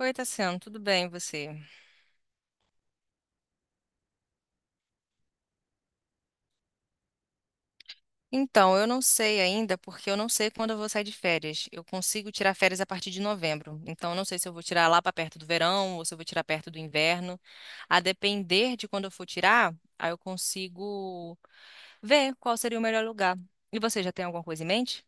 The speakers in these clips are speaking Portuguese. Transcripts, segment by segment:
Oi, Tassiano, tudo bem e você? Então, eu não sei ainda, porque eu não sei quando eu vou sair de férias. Eu consigo tirar férias a partir de novembro. Então, eu não sei se eu vou tirar lá para perto do verão ou se eu vou tirar perto do inverno. A depender de quando eu for tirar, aí eu consigo ver qual seria o melhor lugar. E você já tem alguma coisa em mente?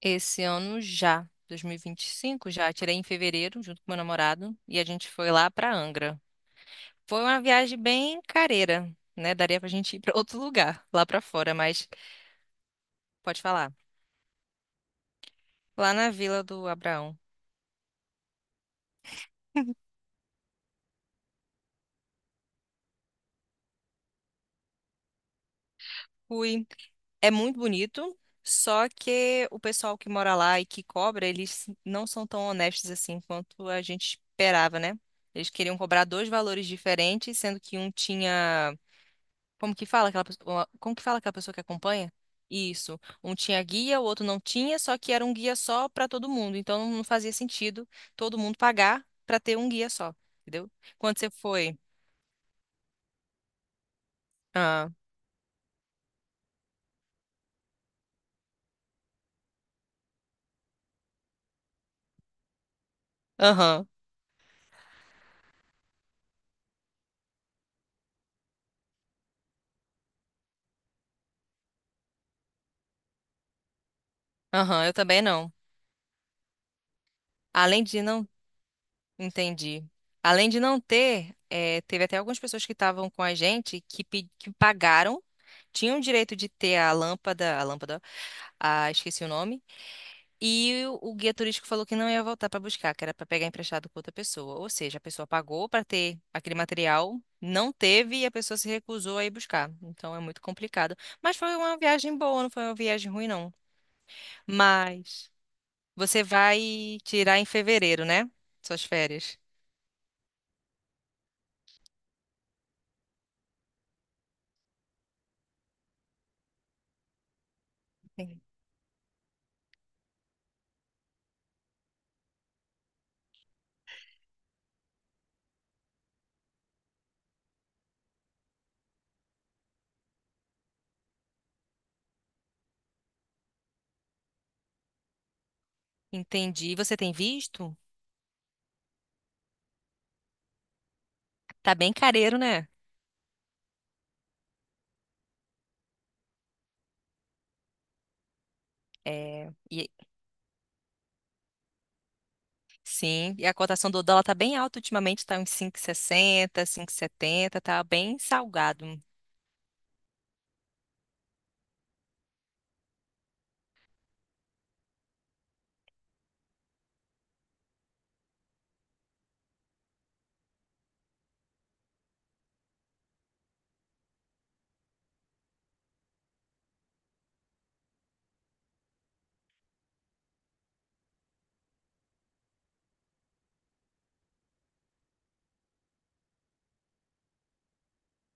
Esse ano já, 2025, já tirei em fevereiro junto com meu namorado e a gente foi lá para Angra. Foi uma viagem bem careira, né? Daria pra gente ir para outro lugar lá para fora, mas. Pode falar. Lá na Vila do Abraão. Fui. É muito bonito, só que o pessoal que mora lá e que cobra, eles não são tão honestos assim quanto a gente esperava, né? Eles queriam cobrar dois valores diferentes, sendo que um tinha. Como que fala aquela pessoa? Como que fala aquela pessoa que acompanha? Isso. Um tinha guia, o outro não tinha, só que era um guia só para todo mundo. Então não fazia sentido todo mundo pagar para ter um guia só, entendeu? Quando você foi. Ah, aham, aham, eu também não. Além de não. Entendi. Além de não ter, teve até algumas pessoas que estavam com a gente que, que pagaram, tinham o direito de ter a lâmpada, ah, esqueci o nome, e o guia turístico falou que não ia voltar para buscar, que era para pegar emprestado com outra pessoa. Ou seja, a pessoa pagou para ter aquele material, não teve e a pessoa se recusou a ir buscar. Então é muito complicado. Mas foi uma viagem boa, não foi uma viagem ruim, não. Mas você vai tirar em fevereiro, né? Suas férias. Entendi. Você tem visto? Tá bem careiro, né? É, sim, e a cotação do dólar tá bem alta ultimamente, tá uns 5,60, setenta. Tá bem salgado.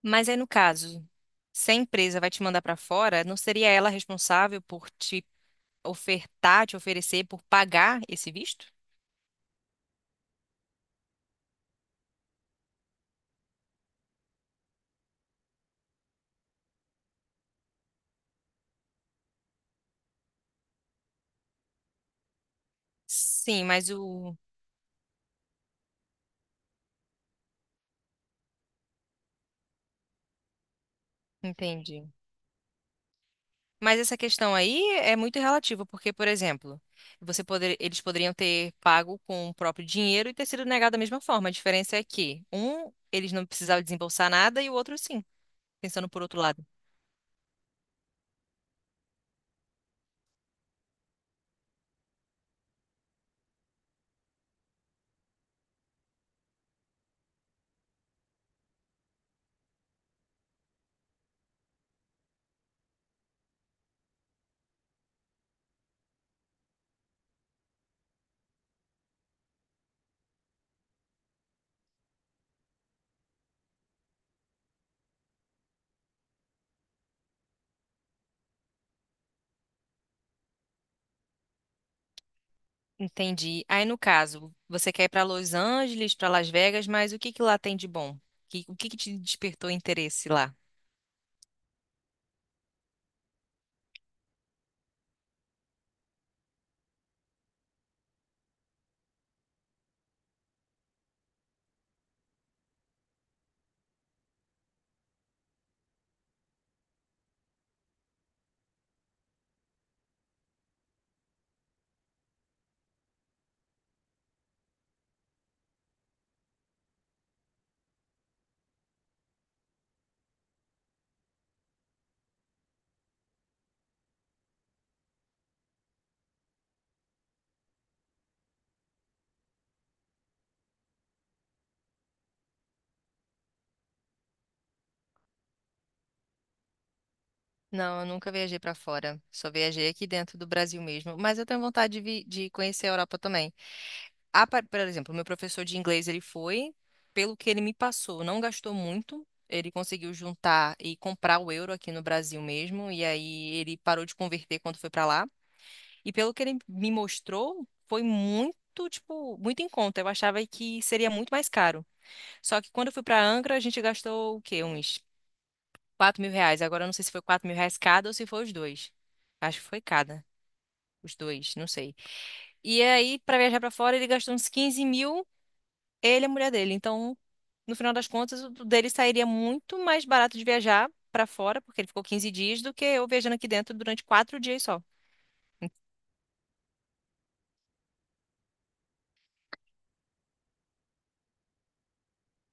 Mas aí no caso, se a empresa vai te mandar para fora, não seria ela responsável por te ofertar, te oferecer, por pagar esse visto? Sim, mas o. Entendi. Mas essa questão aí é muito relativa, porque, por exemplo, eles poderiam ter pago com o próprio dinheiro e ter sido negado da mesma forma. A diferença é que um, eles não precisavam desembolsar nada e o outro sim, pensando por outro lado. Entendi. Aí, no caso, você quer ir para Los Angeles, para Las Vegas, mas o que que lá tem de bom? O que que te despertou interesse lá? Não, eu nunca viajei pra fora. Só viajei aqui dentro do Brasil mesmo. Mas eu tenho vontade de conhecer a Europa também. Ah, por exemplo, meu professor de inglês, ele foi, pelo que ele me passou, não gastou muito. Ele conseguiu juntar e comprar o euro aqui no Brasil mesmo. E aí ele parou de converter quando foi pra lá. E pelo que ele me mostrou, foi muito. Tipo, muito em conta. Eu achava que seria muito mais caro. Só que quando eu fui pra Angra, a gente gastou o quê? Uns 4.000 reais. Agora eu não sei se foi 4.000 reais cada ou se foi os dois. Acho que foi cada. Os dois, não sei. E aí, pra viajar pra fora, ele gastou uns 15 mil, ele e a mulher dele. Então, no final das contas, o dele sairia muito mais barato de viajar pra fora, porque ele ficou 15 dias, do que eu viajando aqui dentro durante 4 dias só.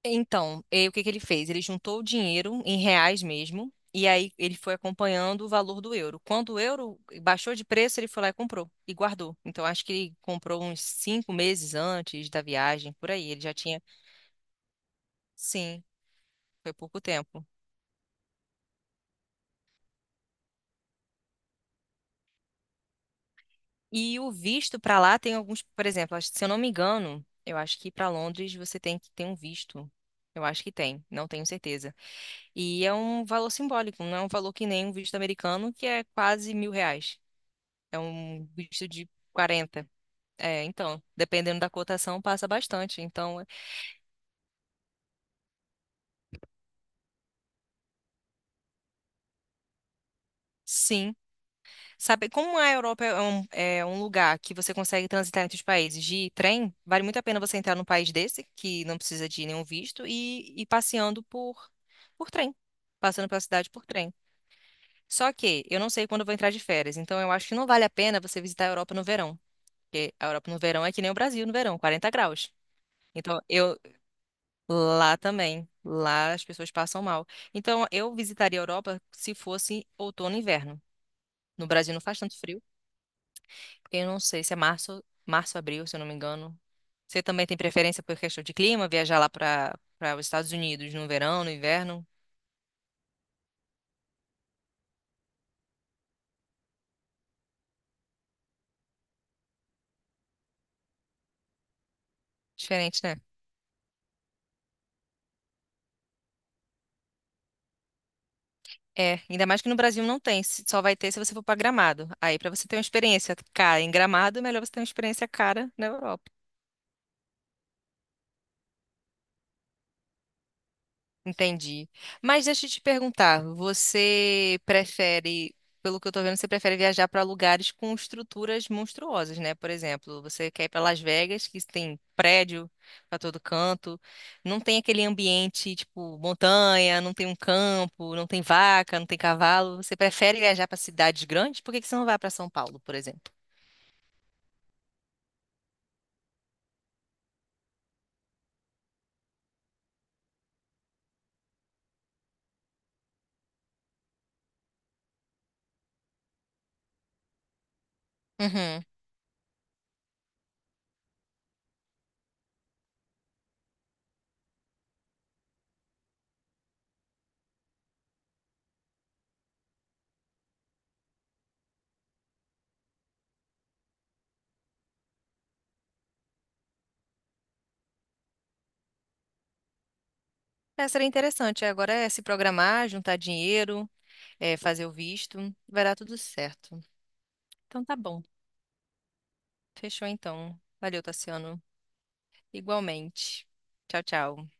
Então, o que que ele fez? Ele juntou o dinheiro em reais mesmo, e aí ele foi acompanhando o valor do euro. Quando o euro baixou de preço, ele foi lá e comprou e guardou. Então, acho que ele comprou uns 5 meses antes da viagem, por aí. Ele já tinha. Sim, foi pouco tempo. E o visto para lá tem alguns, por exemplo, se eu não me engano, eu acho que para Londres você tem que ter um visto. Eu acho que tem, não tenho certeza. E é um valor simbólico, não é um valor que nem um visto americano, que é quase mil reais. É um visto de 40. É, então, dependendo da cotação, passa bastante. Então, sim. Sabe, como a Europa é um lugar que você consegue transitar entre os países de trem, vale muito a pena você entrar num país desse, que não precisa de nenhum visto, e ir passeando por trem, passando pela cidade por trem. Só que eu não sei quando eu vou entrar de férias, então eu acho que não vale a pena você visitar a Europa no verão, porque a Europa no verão é que nem o Brasil no verão, 40 graus. Então, eu. Lá também. Lá as pessoas passam mal. Então, eu visitaria a Europa se fosse outono e inverno. No Brasil não faz tanto frio. Eu não sei se é abril, se eu não me engano. Você também tem preferência por questão de clima, viajar lá para os Estados Unidos no verão, no inverno? Diferente, né? É, ainda mais que no Brasil não tem, só vai ter se você for para Gramado. Aí, para você ter uma experiência cara em Gramado, é melhor você ter uma experiência cara na Europa. Entendi. Mas deixa eu te perguntar, você prefere, pelo que eu tô vendo, você prefere viajar para lugares com estruturas monstruosas, né? Por exemplo, você quer ir para Las Vegas, que tem prédio para todo canto, não tem aquele ambiente tipo montanha, não tem um campo, não tem vaca, não tem cavalo. Você prefere viajar para cidades grandes? Por que que você não vai para São Paulo, por exemplo? Uhum. É, seria interessante. Agora é se programar, juntar dinheiro, fazer o visto, vai dar tudo certo. Então tá bom. Fechou então. Valeu, Tassiano. Igualmente. Tchau, tchau.